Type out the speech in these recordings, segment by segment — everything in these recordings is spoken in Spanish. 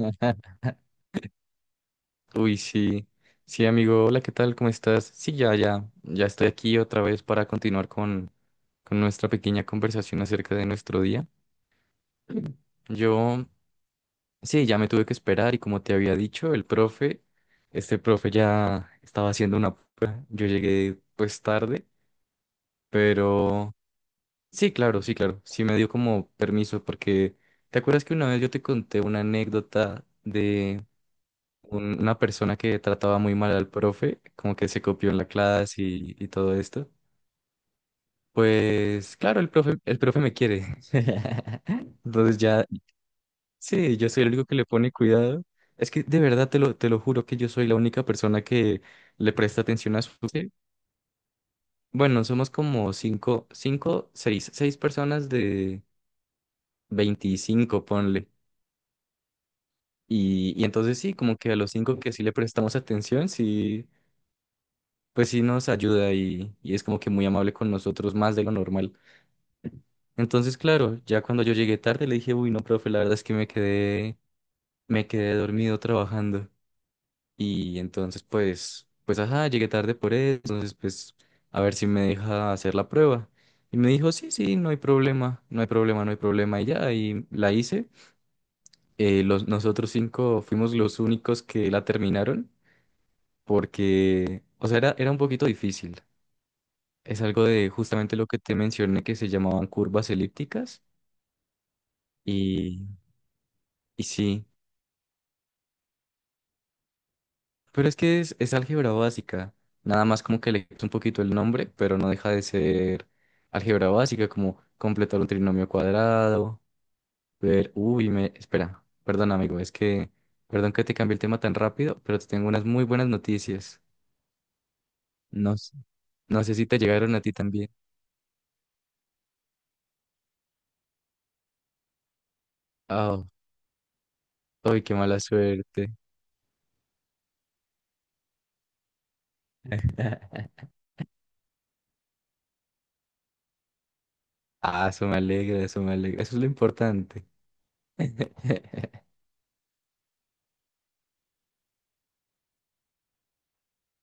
Uy, sí. Sí, amigo. Hola, ¿qué tal? ¿Cómo estás? Sí, ya, ya. Ya estoy aquí otra vez para continuar con nuestra pequeña conversación acerca de nuestro día. Yo, sí, ya me tuve que esperar y como te había dicho, este profe ya estaba haciendo una prueba. Yo llegué pues tarde, pero sí, claro, sí, claro. Sí me dio como permiso porque ¿te acuerdas que una vez yo te conté una anécdota de una persona que trataba muy mal al profe, como que se copió en la clase y todo esto? Pues claro, el profe me quiere. Entonces ya, sí, yo soy el único que le pone cuidado. Es que de verdad te lo juro que yo soy la única persona que le presta atención a su... sí. Bueno, somos como cinco, cinco, seis, seis personas de 25 ponle. Y entonces sí, como que a los cinco que sí le prestamos atención, sí, pues sí nos ayuda y es como que muy amable con nosotros, más de lo normal. Entonces, claro, ya cuando yo llegué tarde le dije, uy, no, profe, la verdad es que me quedé dormido trabajando. Y entonces, pues, ajá, llegué tarde por eso, entonces, pues, a ver si me deja hacer la prueba. Y me dijo, sí, sí, no hay problema, no hay problema, no hay problema. Y ya, y la hice. Nosotros cinco fuimos los únicos que la terminaron porque, o sea, era un poquito difícil. Es algo de justamente lo que te mencioné que se llamaban curvas elípticas y, y sí, pero es que es álgebra básica, nada más como que le quito un poquito el nombre, pero no deja de ser álgebra básica, como completar un trinomio cuadrado, ver, uy, espera, perdón amigo, es que, perdón que te cambié el tema tan rápido, pero te tengo unas muy buenas noticias, no, no sé si te llegaron a ti también. Ah, uy, qué mala suerte. Ah, eso me alegra, eso me alegra, eso es lo importante.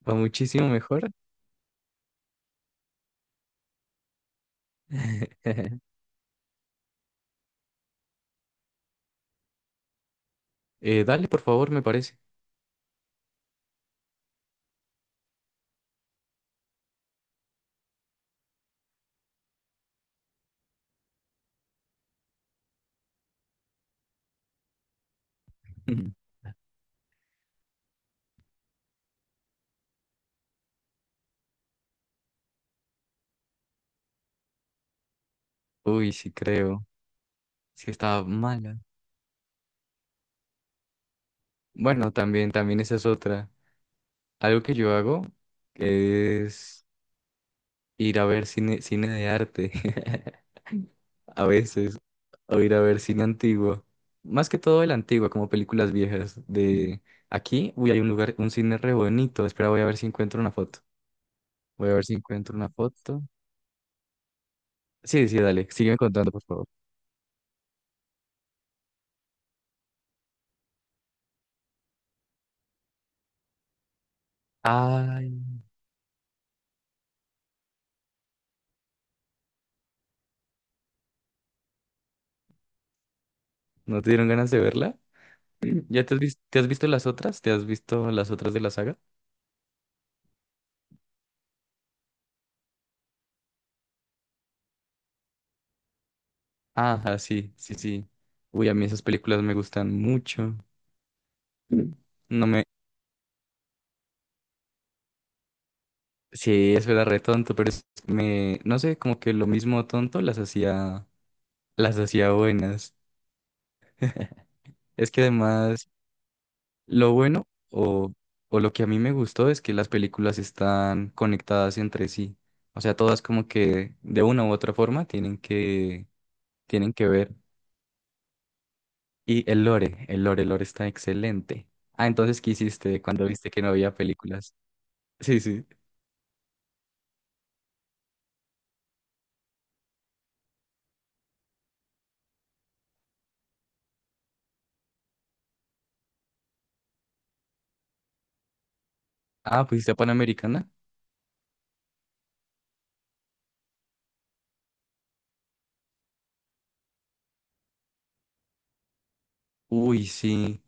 Va muchísimo mejor. Dale, por favor, me parece. Uy, sí creo. Sí estaba mala. Bueno, también, también esa es otra. Algo que yo hago es ir a ver cine, cine de arte. A veces. O ir a ver cine antiguo. Más que todo el antiguo, como películas viejas. De aquí, uy, hay un lugar, un cine re bonito. Espera, voy a ver si encuentro una foto. Voy a ver si encuentro una foto. Sí, sí, dale. Sígueme contando, por favor. Ay, ¿no te dieron ganas de verla? ¿Ya te has visto las otras? ¿Te has visto las otras de la saga? Ajá, sí, sí, sí. Uy, a mí esas películas me gustan mucho. Mm. No me... Sí, eso era re tonto, pero es- me... No sé, como que lo mismo tonto las hacía buenas. Es que además, lo bueno o lo que a mí me gustó es que las películas están conectadas entre sí. O sea, todas como que de una u otra forma tienen que ver. Y el lore está excelente. Ah, entonces, ¿qué hiciste cuando viste que no había películas? Sí, sí. Ah, ¿fuiste a Panamericana? Uy, sí.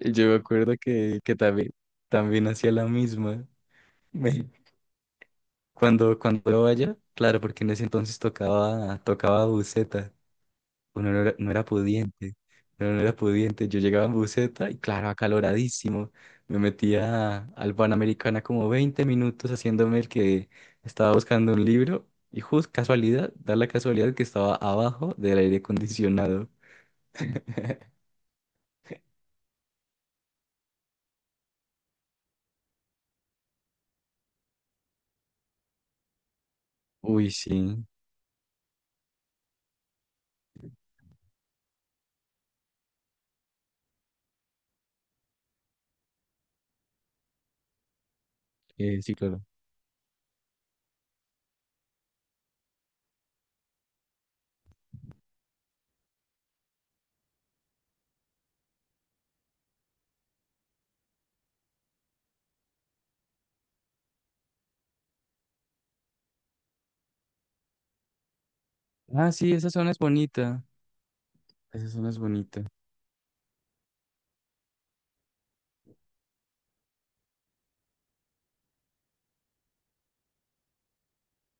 Yo me acuerdo que también, también hacía la misma. Me- cuando yo vaya, claro, porque en ese entonces tocaba buceta. Uno no era pudiente, uno no era pudiente. Yo llegaba en buseta y claro, acaloradísimo. Me metía al Panamericana como 20 minutos haciéndome el que estaba buscando un libro y justo casualidad, da la casualidad que estaba abajo del aire acondicionado. Uy, sí, sí, claro. Ah, sí, esa zona es bonita. Esa zona es bonita.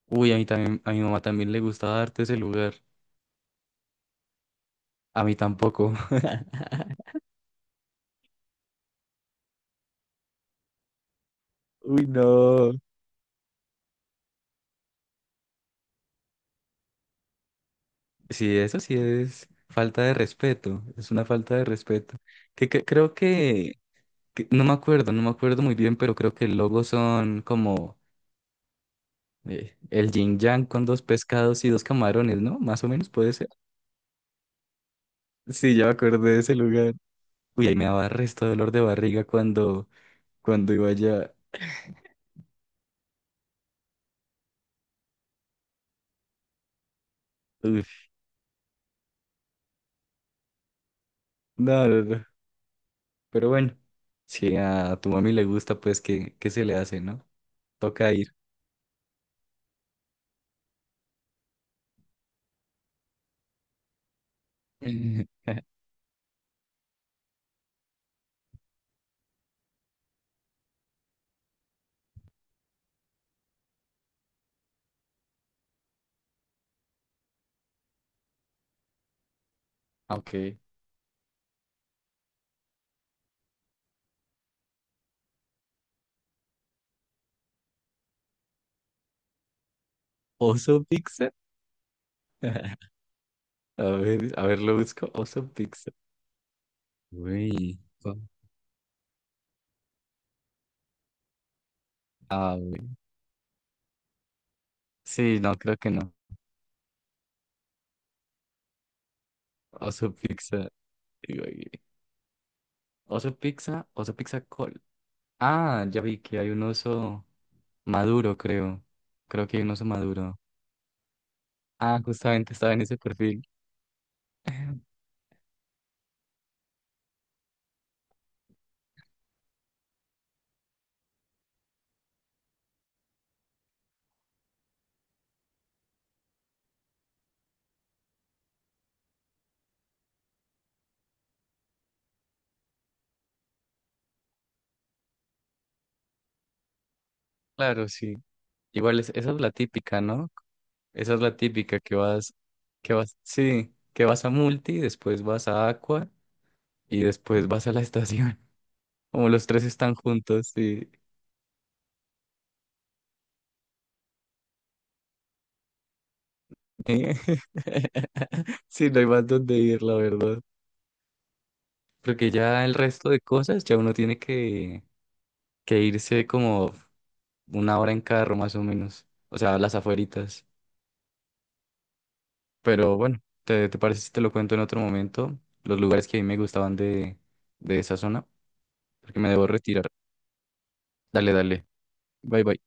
Uy, a mí también, a mi mamá también le gustaba darte ese lugar. A mí tampoco. Uy, no. Sí, eso sí es falta de respeto, es una falta de respeto. Que creo que no me acuerdo muy bien, pero creo que el logo son como el yin yang con dos pescados y dos camarones, ¿no? Más o menos puede ser. Sí, ya me acordé de ese lugar. Uy, ahí me daba resto dolor de barriga cuando iba allá. Uf, no, no, no. Pero bueno, si a tu mami le gusta, pues que se le hace, ¿no? Toca ir. Ok. ¿Oso pizza? A ver, lo busco. Oso Pizza. Uy. A ver. Sí, no, creo que no. Oso Pizza. Digo, Oso Pizza, Oso Pizza Col. Ah, ya vi que hay un oso maduro, creo. Creo que hay un oso maduro. Ah, justamente estaba en ese perfil. Claro, sí. Esa es la típica, ¿no? Esa es la típica sí, que vas a Multi, después vas a Aqua y después vas a la estación. Como los tres están juntos, sí. Eh, Sí, no hay más donde ir, la verdad. Porque ya el resto de cosas, ya uno tiene que irse como una hora en carro más o menos. O sea, las afueritas. Pero bueno, te parece si te lo cuento en otro momento? Los lugares que a mí me gustaban de esa zona. Porque me debo retirar. Dale, dale. Bye, bye.